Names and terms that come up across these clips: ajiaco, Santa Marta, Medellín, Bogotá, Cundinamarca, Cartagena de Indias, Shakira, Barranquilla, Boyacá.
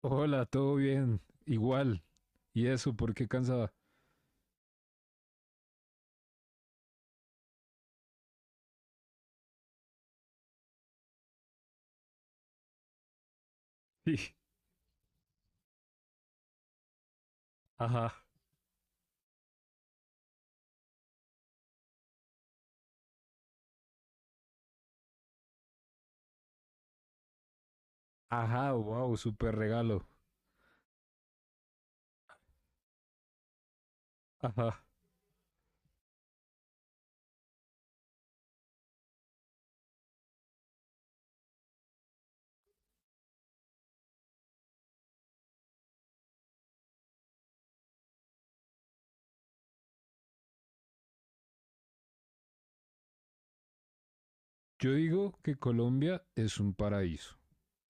Hola, todo bien, igual. ¿Y eso por qué cansada? Sí. Ajá. Ajá, wow, súper regalo. Ajá. Yo digo que Colombia es un paraíso.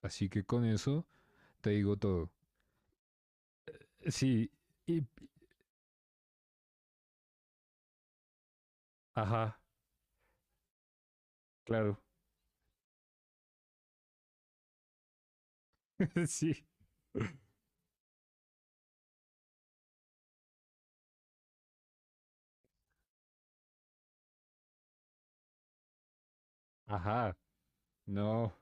Así que con eso te digo todo. Sí. Y... Ajá, claro. Sí. Ajá. No.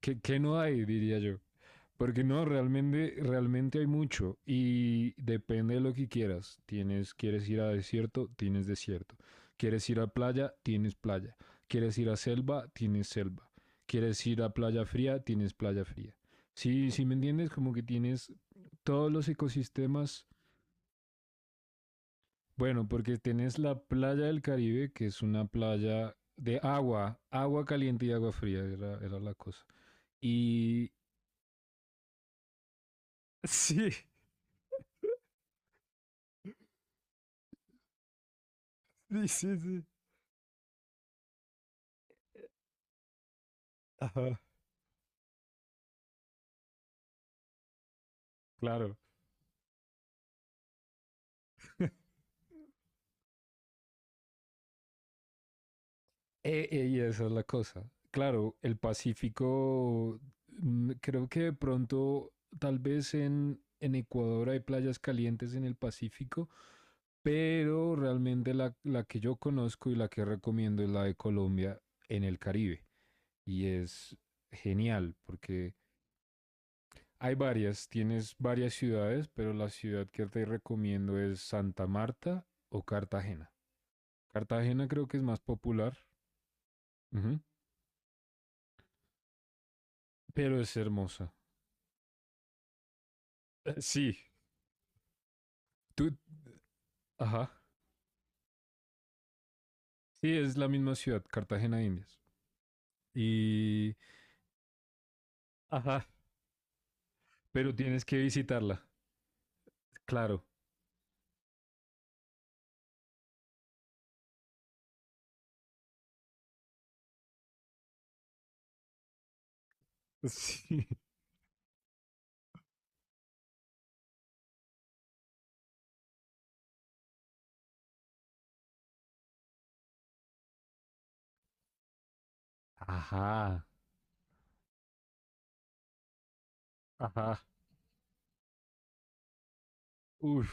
¿Qué no hay? Diría yo. Porque no, realmente hay mucho y depende de lo que quieras. Quieres ir a desierto, tienes desierto. Quieres ir a playa, tienes playa. Quieres ir a selva, tienes selva. Quieres ir a playa fría, tienes playa fría. Sí, sí me entiendes, como que tienes todos los ecosistemas. Bueno, porque tienes la playa del Caribe, que es una playa de agua, agua caliente y agua fría, era la cosa. Y Sí, sí, sí, sí. Ajá. Claro. Y esa es la cosa. Claro, el Pacífico, creo que de pronto, tal vez en Ecuador hay playas calientes en el Pacífico, pero realmente la que yo conozco y la que recomiendo es la de Colombia en el Caribe. Y es genial porque hay varias, tienes varias ciudades, pero la ciudad que te recomiendo es Santa Marta o Cartagena. Cartagena creo que es más popular, ujú, pero es hermosa. Sí, tú, ajá. Sí, es la misma ciudad, Cartagena de Indias. Y, Ajá, pero tienes que visitarla, claro. Sí. Ajá, ajá. Uf,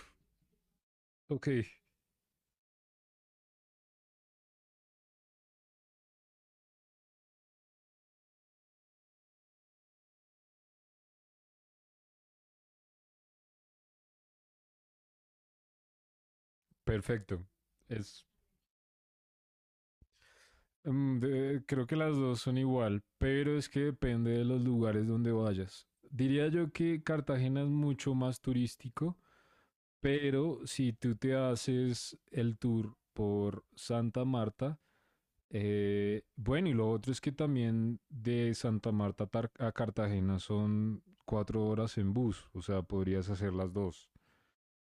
ok, perfecto. Es, Creo que las dos son igual, pero es que depende de los lugares donde vayas. Diría yo que Cartagena es mucho más turístico, pero si tú te haces el tour por Santa Marta. Bueno, y lo otro es que también de Santa Marta a Cartagena son 4 horas en bus, o sea, podrías hacer las dos.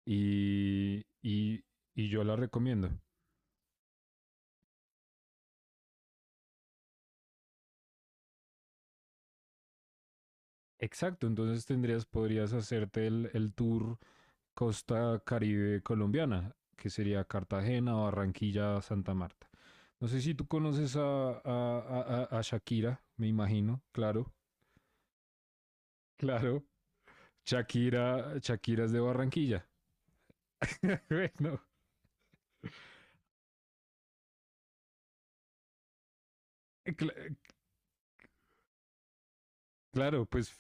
Y, y, y yo la recomiendo. Exacto, entonces podrías hacerte el tour Costa Caribe colombiana, que sería Cartagena, Barranquilla, Santa Marta. No sé si tú conoces a Shakira, me imagino, claro, claro. Shakira, Shakira es de Barranquilla. Bueno, cla- claro, pues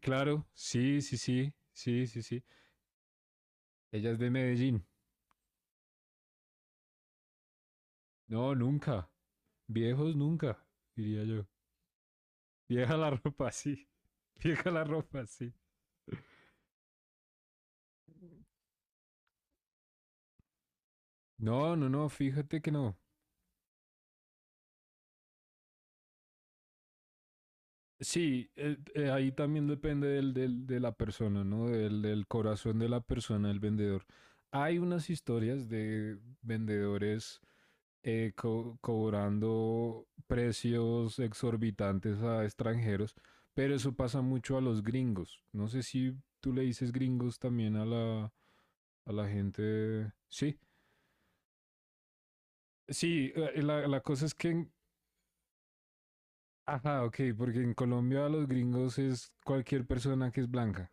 claro, sí, sí, sí, sí, sí, sí. Ella es de Medellín. No, nunca. Viejos nunca, diría yo. Vieja la ropa. Sí. Vieja la ropa, sí. No, no, no, fíjate que no. Sí, ahí también depende de la persona, ¿no? Del corazón de la persona, el vendedor. Hay unas historias de vendedores cobrando precios exorbitantes a extranjeros, pero eso pasa mucho a los gringos. No sé si tú le dices gringos también a la gente. Sí, sí, la cosa es que, ajá, ok, porque en Colombia a los gringos es cualquier persona que es blanca.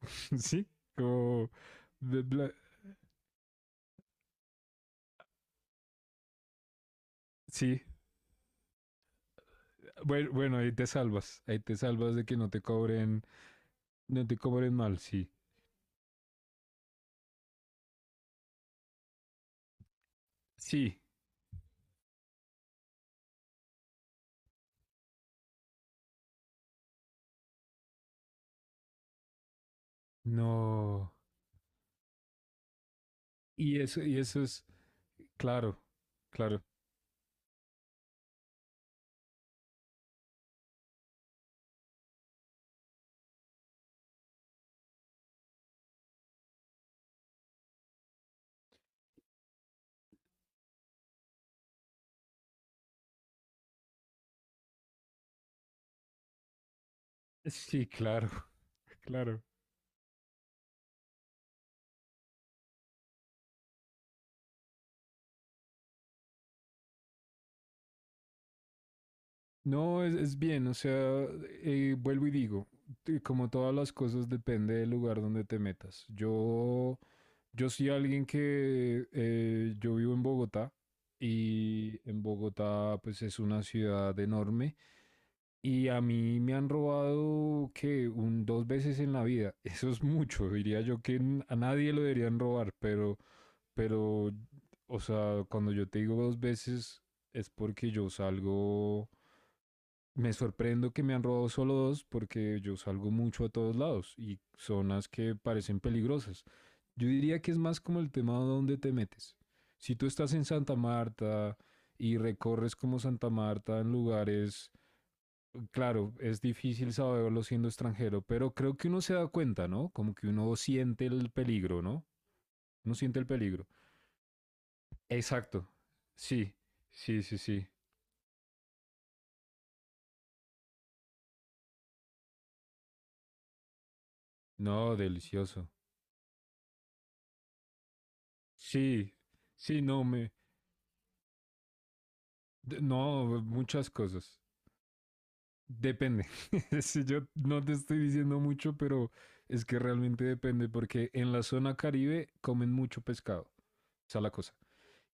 ¿Sí? Como... de bla- Sí, bueno, bueno, ahí te salvas de que no te cobren, no te cobren mal, sí. Sí. No. Y eso es, claro, claro. Sí, claro, claro. No, es bien, o sea, vuelvo y digo, como todas las cosas depende del lugar donde te metas. Yo soy alguien que, yo vivo en Bogotá y en Bogotá pues es una ciudad enorme y a mí me han robado que un 2 veces en la vida. Eso es mucho, diría yo que a nadie lo deberían robar, pero, o sea, cuando yo te digo 2 veces, es porque yo salgo. Me sorprendo que me han robado solo dos, porque yo salgo mucho a todos lados y zonas que parecen peligrosas. Yo diría que es más como el tema de dónde te metes. Si tú estás en Santa Marta y recorres como Santa Marta en lugares, claro, es difícil saberlo siendo extranjero, pero creo que uno se da cuenta, ¿no? Como que uno siente el peligro, ¿no? Uno siente el peligro. Exacto. Sí, sí, sí, sí. No, delicioso. Sí, sí, no, no, muchas cosas. Depende. Si yo no te estoy diciendo mucho, pero es que realmente depende porque en la zona Caribe comen mucho pescado. Esa es la cosa.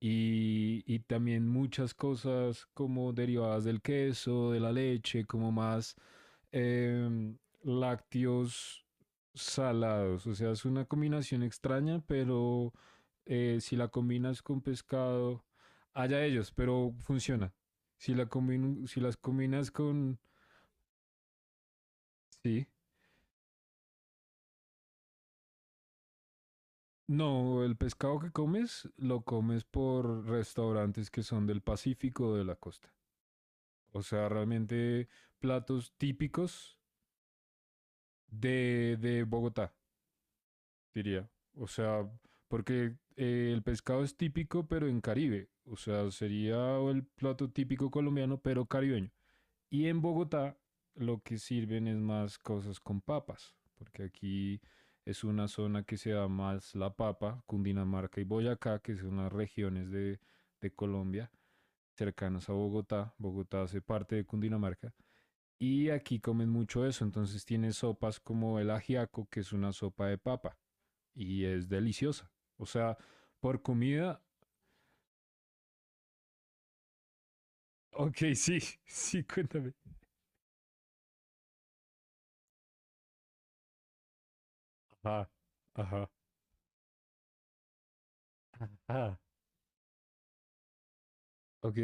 Y también muchas cosas como derivadas del queso, de la leche, como más lácteos salados. O sea, es una combinación extraña, pero si la combinas con pescado, allá ellos, pero funciona. Si las combinas con. Sí. No, el pescado que comes lo comes por restaurantes que son del Pacífico o de la costa. O sea, realmente platos típicos de Bogotá, diría. O sea, porque el pescado es típico, pero en Caribe. O sea, sería el plato típico colombiano, pero caribeño. Y en Bogotá lo que sirven es más cosas con papas, porque aquí es una zona que se da más la papa, Cundinamarca y Boyacá, que son las regiones de Colombia cercanas a Bogotá. Bogotá hace parte de Cundinamarca. Y aquí comen mucho eso, entonces tiene sopas como el ajiaco, que es una sopa de papa, y es deliciosa. O sea, por comida, ok, sí, sí, cuéntame. Ajá, ajá, ajá. Ok,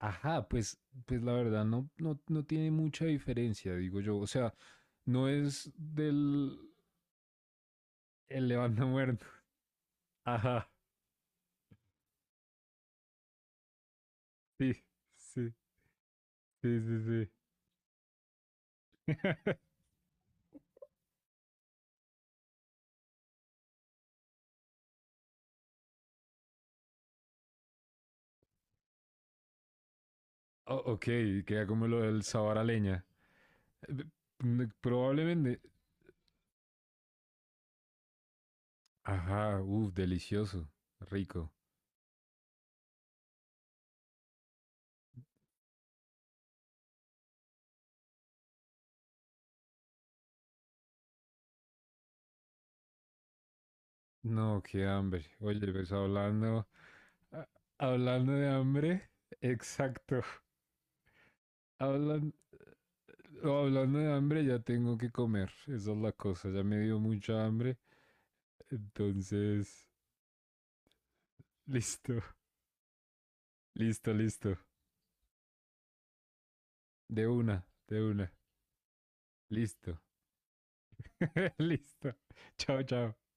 ajá, pues la verdad no, no, no tiene mucha diferencia, digo yo. O sea, no es del el levanta muerto. Ajá, sí, sí, sí, sí, sí. Ok, queda como lo del sabor a leña. Eh, Probablemente. Ajá, uff, delicioso, rico. No, qué hambre. Oye, pues a- hablando de hambre, exacto. Hablan- o hablando de hambre, ya tengo que comer. Esa es la cosa, ya me dio mucha hambre. Entonces, listo, listo, listo. De una, de una. Listo, listo. Chao, chao.